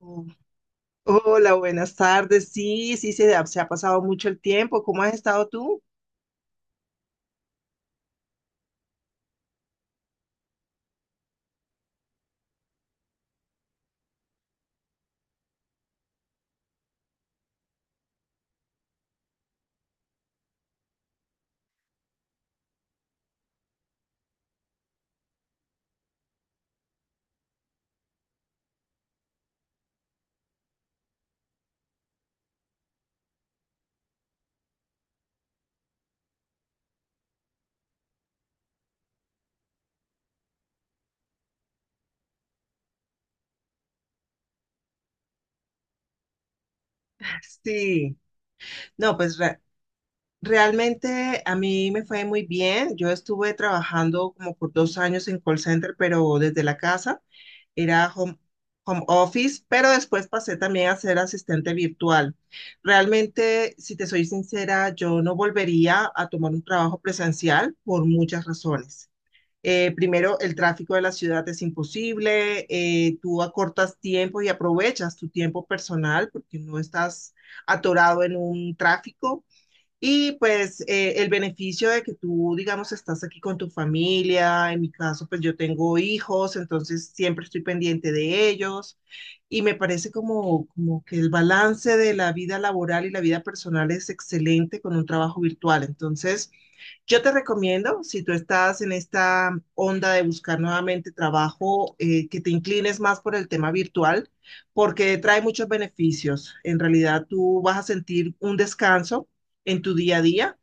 Mm. Hola, buenas tardes. Sí, sí, se ha pasado mucho el tiempo. ¿Cómo has estado tú? Sí, no, realmente a mí me fue muy bien. Yo estuve trabajando como por 2 años en call center, pero desde la casa. Era home, Home office, pero después pasé también a ser asistente virtual. Realmente, si te soy sincera, yo no volvería a tomar un trabajo presencial por muchas razones. Primero, el tráfico de la ciudad es imposible, tú acortas tiempo y aprovechas tu tiempo personal porque no estás atorado en un tráfico. Y pues el beneficio de que tú, digamos, estás aquí con tu familia, en mi caso, pues yo tengo hijos, entonces siempre estoy pendiente de ellos. Y me parece como que el balance de la vida laboral y la vida personal es excelente con un trabajo virtual. Entonces, yo te recomiendo, si tú estás en esta onda de buscar nuevamente trabajo, que te inclines más por el tema virtual, porque trae muchos beneficios. En realidad, tú vas a sentir un descanso en tu día a día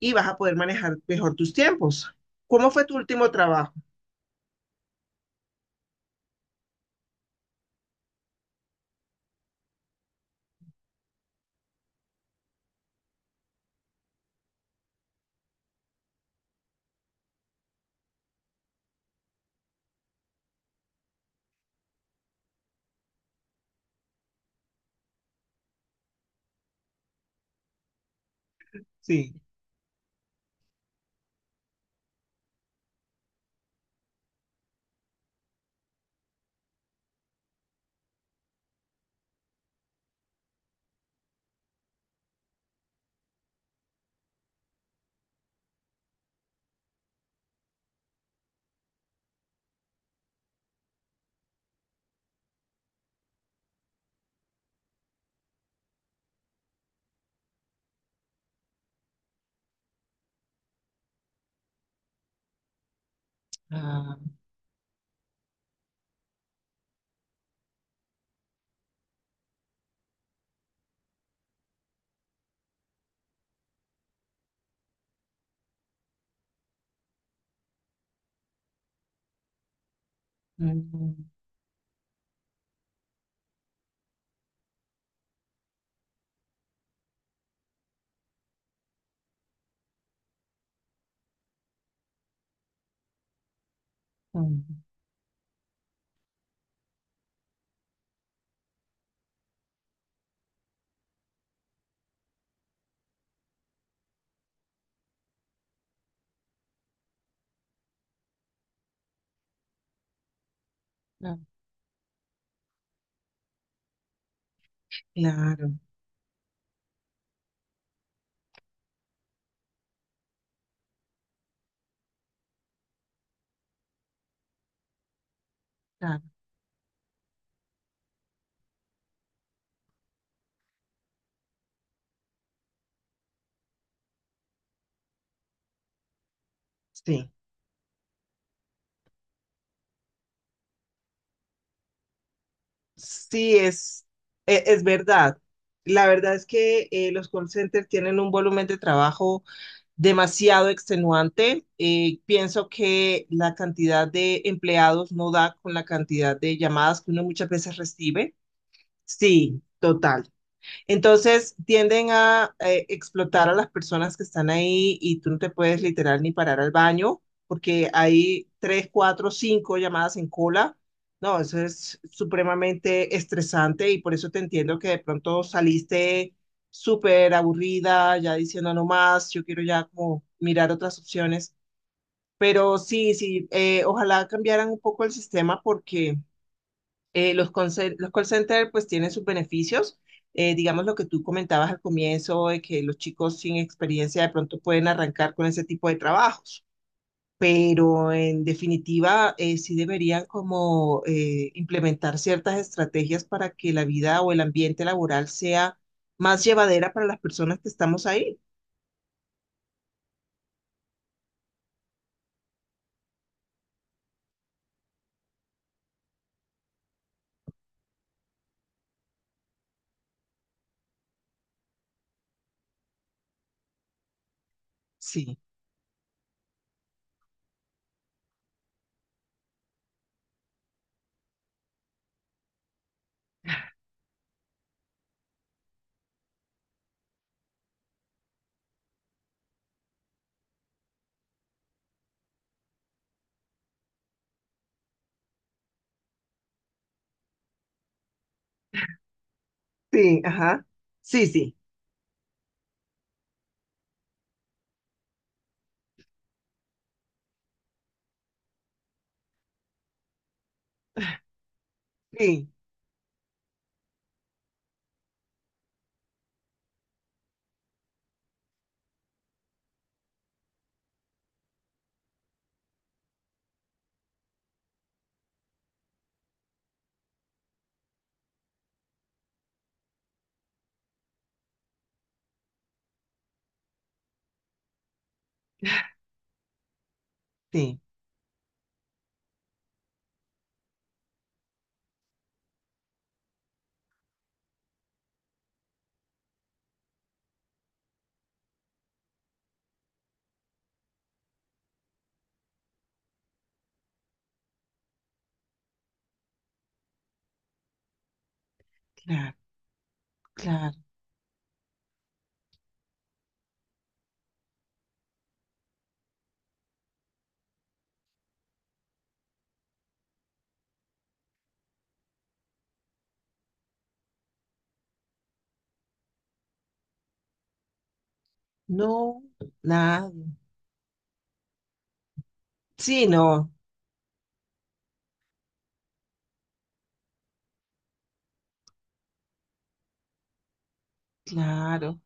y vas a poder manejar mejor tus tiempos. ¿Cómo fue tu último trabajo? Sí. Ah, mm, mm, ah, claro, claro. Sí, sí, es verdad. La verdad es que los call centers tienen un volumen de trabajo demasiado extenuante. Pienso que la cantidad de empleados no da con la cantidad de llamadas que uno muchas veces recibe. Sí, total. Entonces tienden a explotar a las personas que están ahí y tú no te puedes literal ni parar al baño porque hay 3, 4, 5 llamadas en cola. No, eso es supremamente estresante y por eso te entiendo que de pronto saliste súper aburrida, ya diciendo no más, yo quiero ya como mirar otras opciones. Pero sí, sí, ojalá cambiaran un poco el sistema porque los call center pues tienen sus beneficios. Digamos lo que tú comentabas al comienzo, de que los chicos sin experiencia de pronto pueden arrancar con ese tipo de trabajos, pero en definitiva sí deberían como implementar ciertas estrategias para que la vida o el ambiente laboral sea más llevadera para las personas que estamos ahí. Sí, sí, ajá. Sí, sí, sí, sí, claro, claro. No, nada. Sí, no, claro.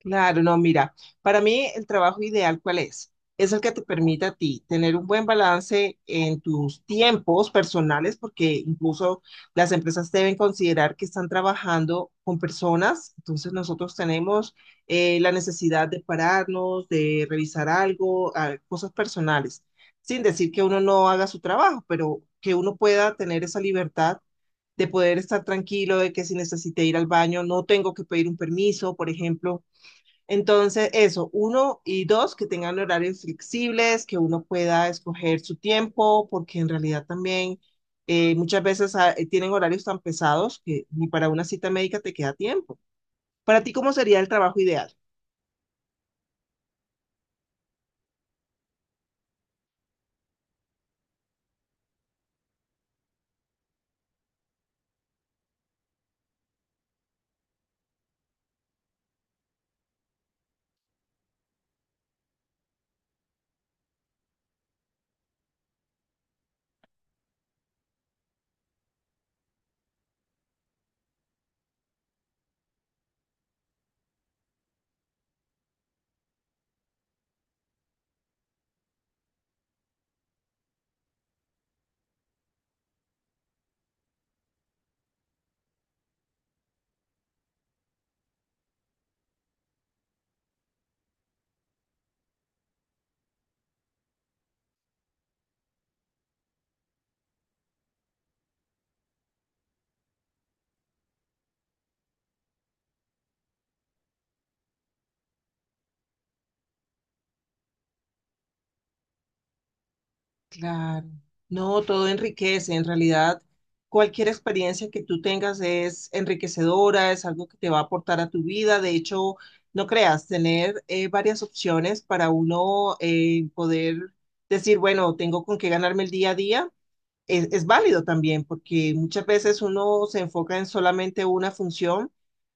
Claro, no, mira, para mí el trabajo ideal, ¿cuál es? Es el que te permite a ti tener un buen balance en tus tiempos personales, porque incluso las empresas deben considerar que están trabajando con personas, entonces nosotros tenemos la necesidad de pararnos, de revisar algo, ah, cosas personales, sin decir que uno no haga su trabajo, pero que uno pueda tener esa libertad de poder estar tranquilo, de que si necesite ir al baño, no tengo que pedir un permiso, por ejemplo. Entonces, eso, uno y dos, que tengan horarios flexibles, que uno pueda escoger su tiempo, porque en realidad también muchas veces tienen horarios tan pesados que ni para una cita médica te queda tiempo. Para ti, ¿cómo sería el trabajo ideal? Claro, no, todo enriquece. En realidad, cualquier experiencia que tú tengas es enriquecedora, es algo que te va a aportar a tu vida. De hecho, no creas, tener varias opciones para uno poder decir, bueno, tengo con qué ganarme el día a día es válido también, porque muchas veces uno se enfoca en solamente una función,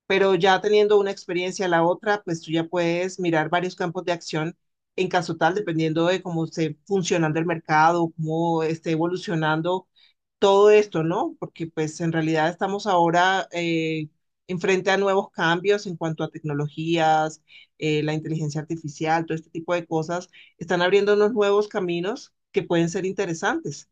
pero ya teniendo una experiencia la otra, pues tú ya puedes mirar varios campos de acción en caso tal, dependiendo de cómo esté funcionando el mercado, cómo esté evolucionando todo esto, ¿no? Porque pues en realidad estamos ahora enfrente a nuevos cambios en cuanto a tecnologías, la inteligencia artificial, todo este tipo de cosas, están abriendo unos nuevos caminos que pueden ser interesantes.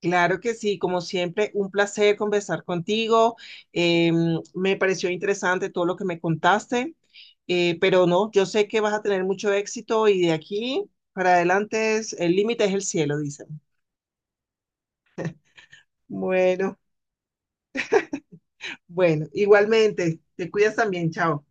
Claro que sí, como siempre, un placer conversar contigo. Eh, Me pareció interesante todo lo que me contaste, pero no, yo sé que vas a tener mucho éxito y de aquí para adelante es, el límite es el cielo, dicen. Bueno, bueno, igualmente, te cuidas también, chao.